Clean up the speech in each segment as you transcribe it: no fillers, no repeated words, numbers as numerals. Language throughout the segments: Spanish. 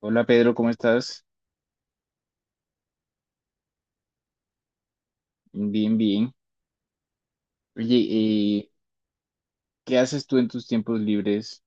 Hola Pedro, ¿cómo estás? Bien, bien. Oye, eh, ¿qué haces tú en tus tiempos libres?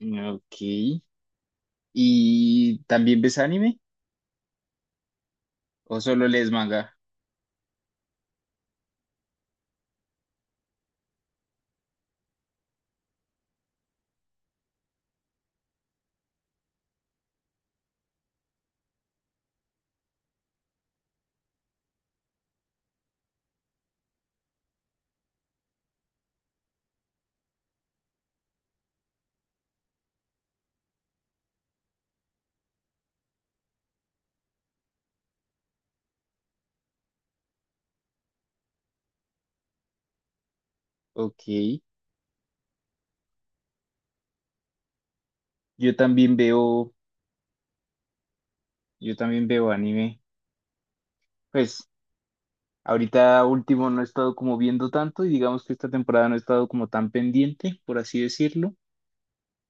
Ok. ¿Y también ves anime? ¿O solo lees manga? Ok. Yo también veo, yo también veo anime. Pues ahorita último no he estado como viendo tanto y digamos que esta temporada no he estado como tan pendiente, por así decirlo.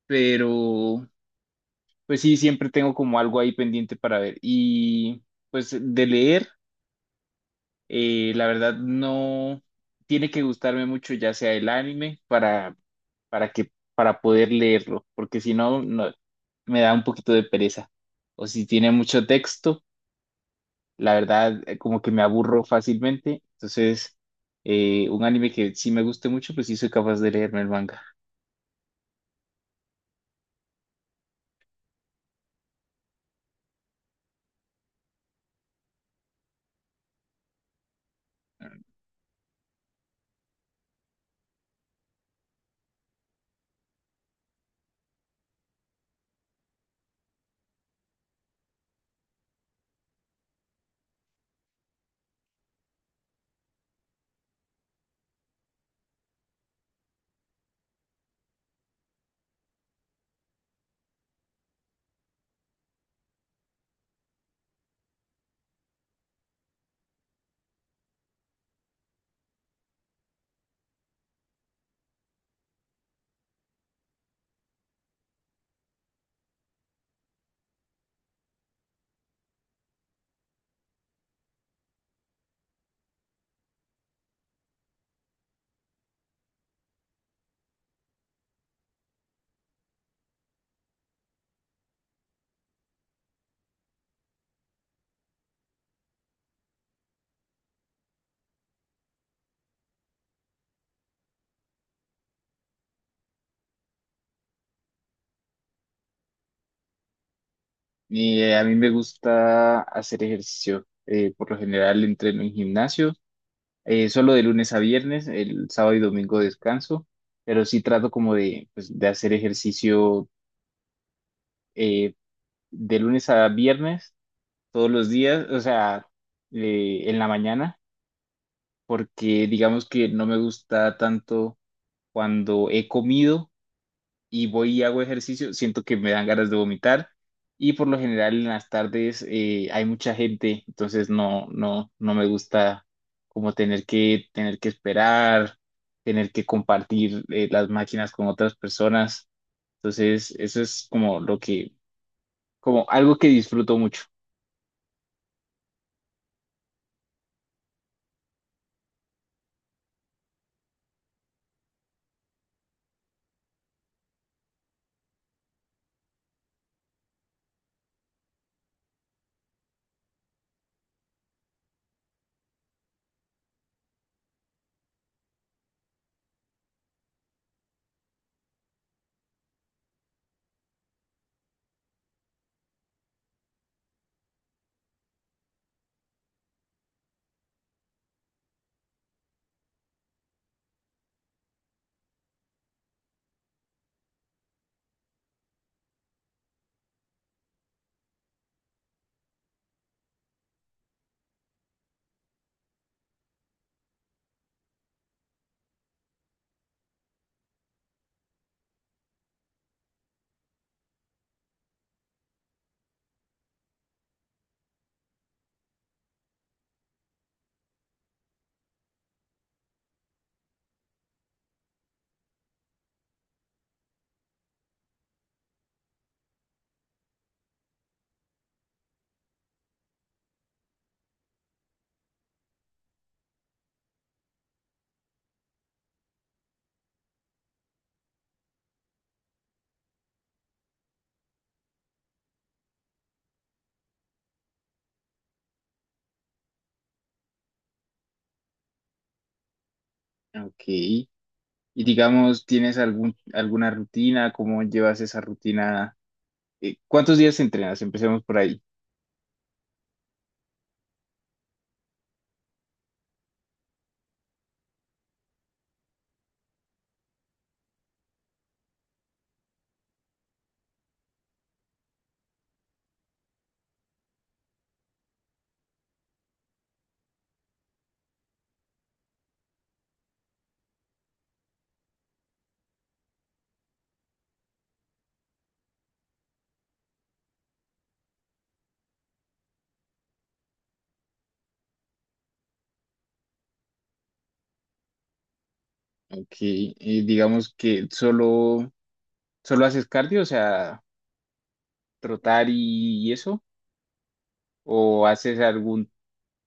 Pero pues sí, siempre tengo como algo ahí pendiente para ver. Y pues de leer. La verdad no tiene que gustarme mucho ya sea el anime para poder leerlo, porque si no, no me da un poquito de pereza. O si tiene mucho texto, la verdad como que me aburro fácilmente. Entonces, un anime que sí me guste mucho, pues sí soy capaz de leerme el manga. Y a mí me gusta hacer ejercicio. Por lo general entreno en gimnasio. Solo de lunes a viernes, el sábado y domingo descanso, pero sí trato como de, pues, de hacer ejercicio eh, de lunes a viernes, todos los días, o sea, en la mañana, porque digamos que no me gusta tanto cuando he comido y voy y hago ejercicio, siento que me dan ganas de vomitar y por lo general en las tardes hay mucha gente, entonces no me gusta como tener que esperar, tener que compartir las máquinas con otras personas. Entonces, eso es como como algo que disfruto mucho. Ok. Y digamos, ¿tienes algún, alguna rutina? ¿Cómo llevas esa rutina? ¿Cuántos días entrenas? Empecemos por ahí. Ok. Y digamos que solo, ¿solo haces cardio, o sea, trotar y eso? ¿O haces algún,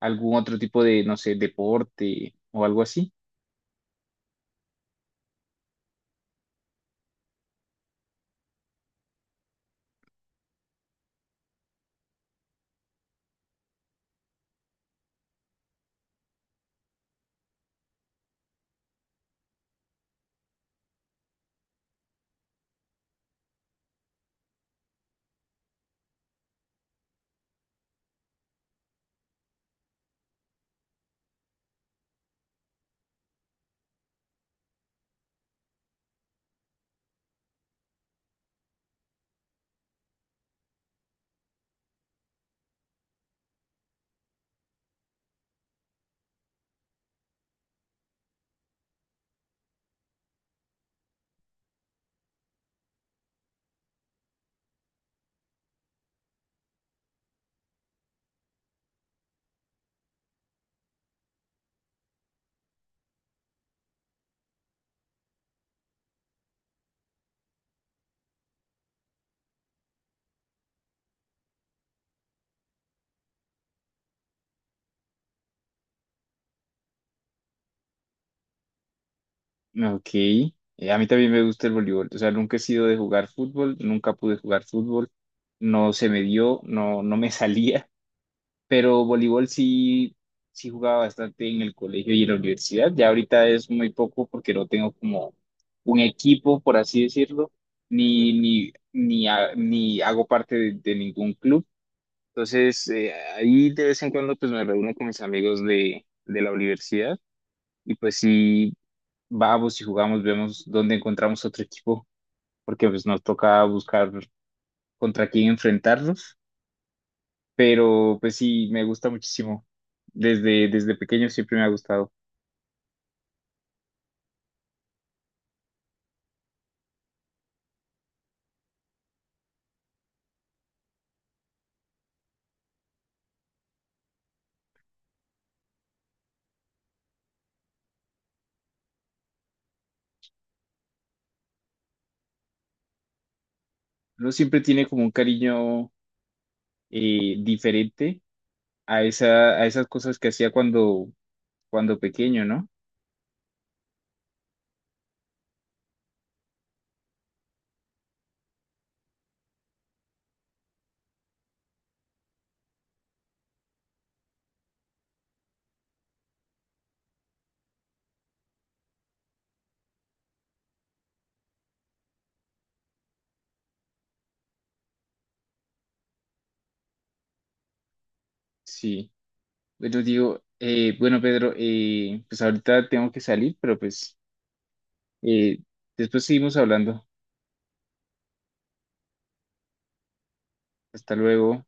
algún otro tipo de, no sé, deporte o algo así? Ok. A mí también me gusta el voleibol. O sea, nunca he sido de jugar fútbol, nunca pude jugar fútbol, no se me dio, no me salía, pero voleibol sí, sí jugaba bastante en el colegio y en la universidad. Ya ahorita es muy poco porque no tengo como un equipo, por así decirlo, ni hago parte de ningún club. Entonces, ahí de vez en cuando pues me reúno con mis amigos de la universidad y pues sí, vamos y jugamos, vemos dónde encontramos otro equipo, porque pues nos toca buscar contra quién enfrentarnos, pero pues sí, me gusta muchísimo. Desde pequeño siempre me ha gustado. Uno siempre tiene como un cariño diferente a a esas cosas que hacía cuando pequeño, ¿no? Sí. Bueno, digo, bueno, Pedro, pues ahorita tengo que salir, pero pues eh, después seguimos hablando. Hasta luego.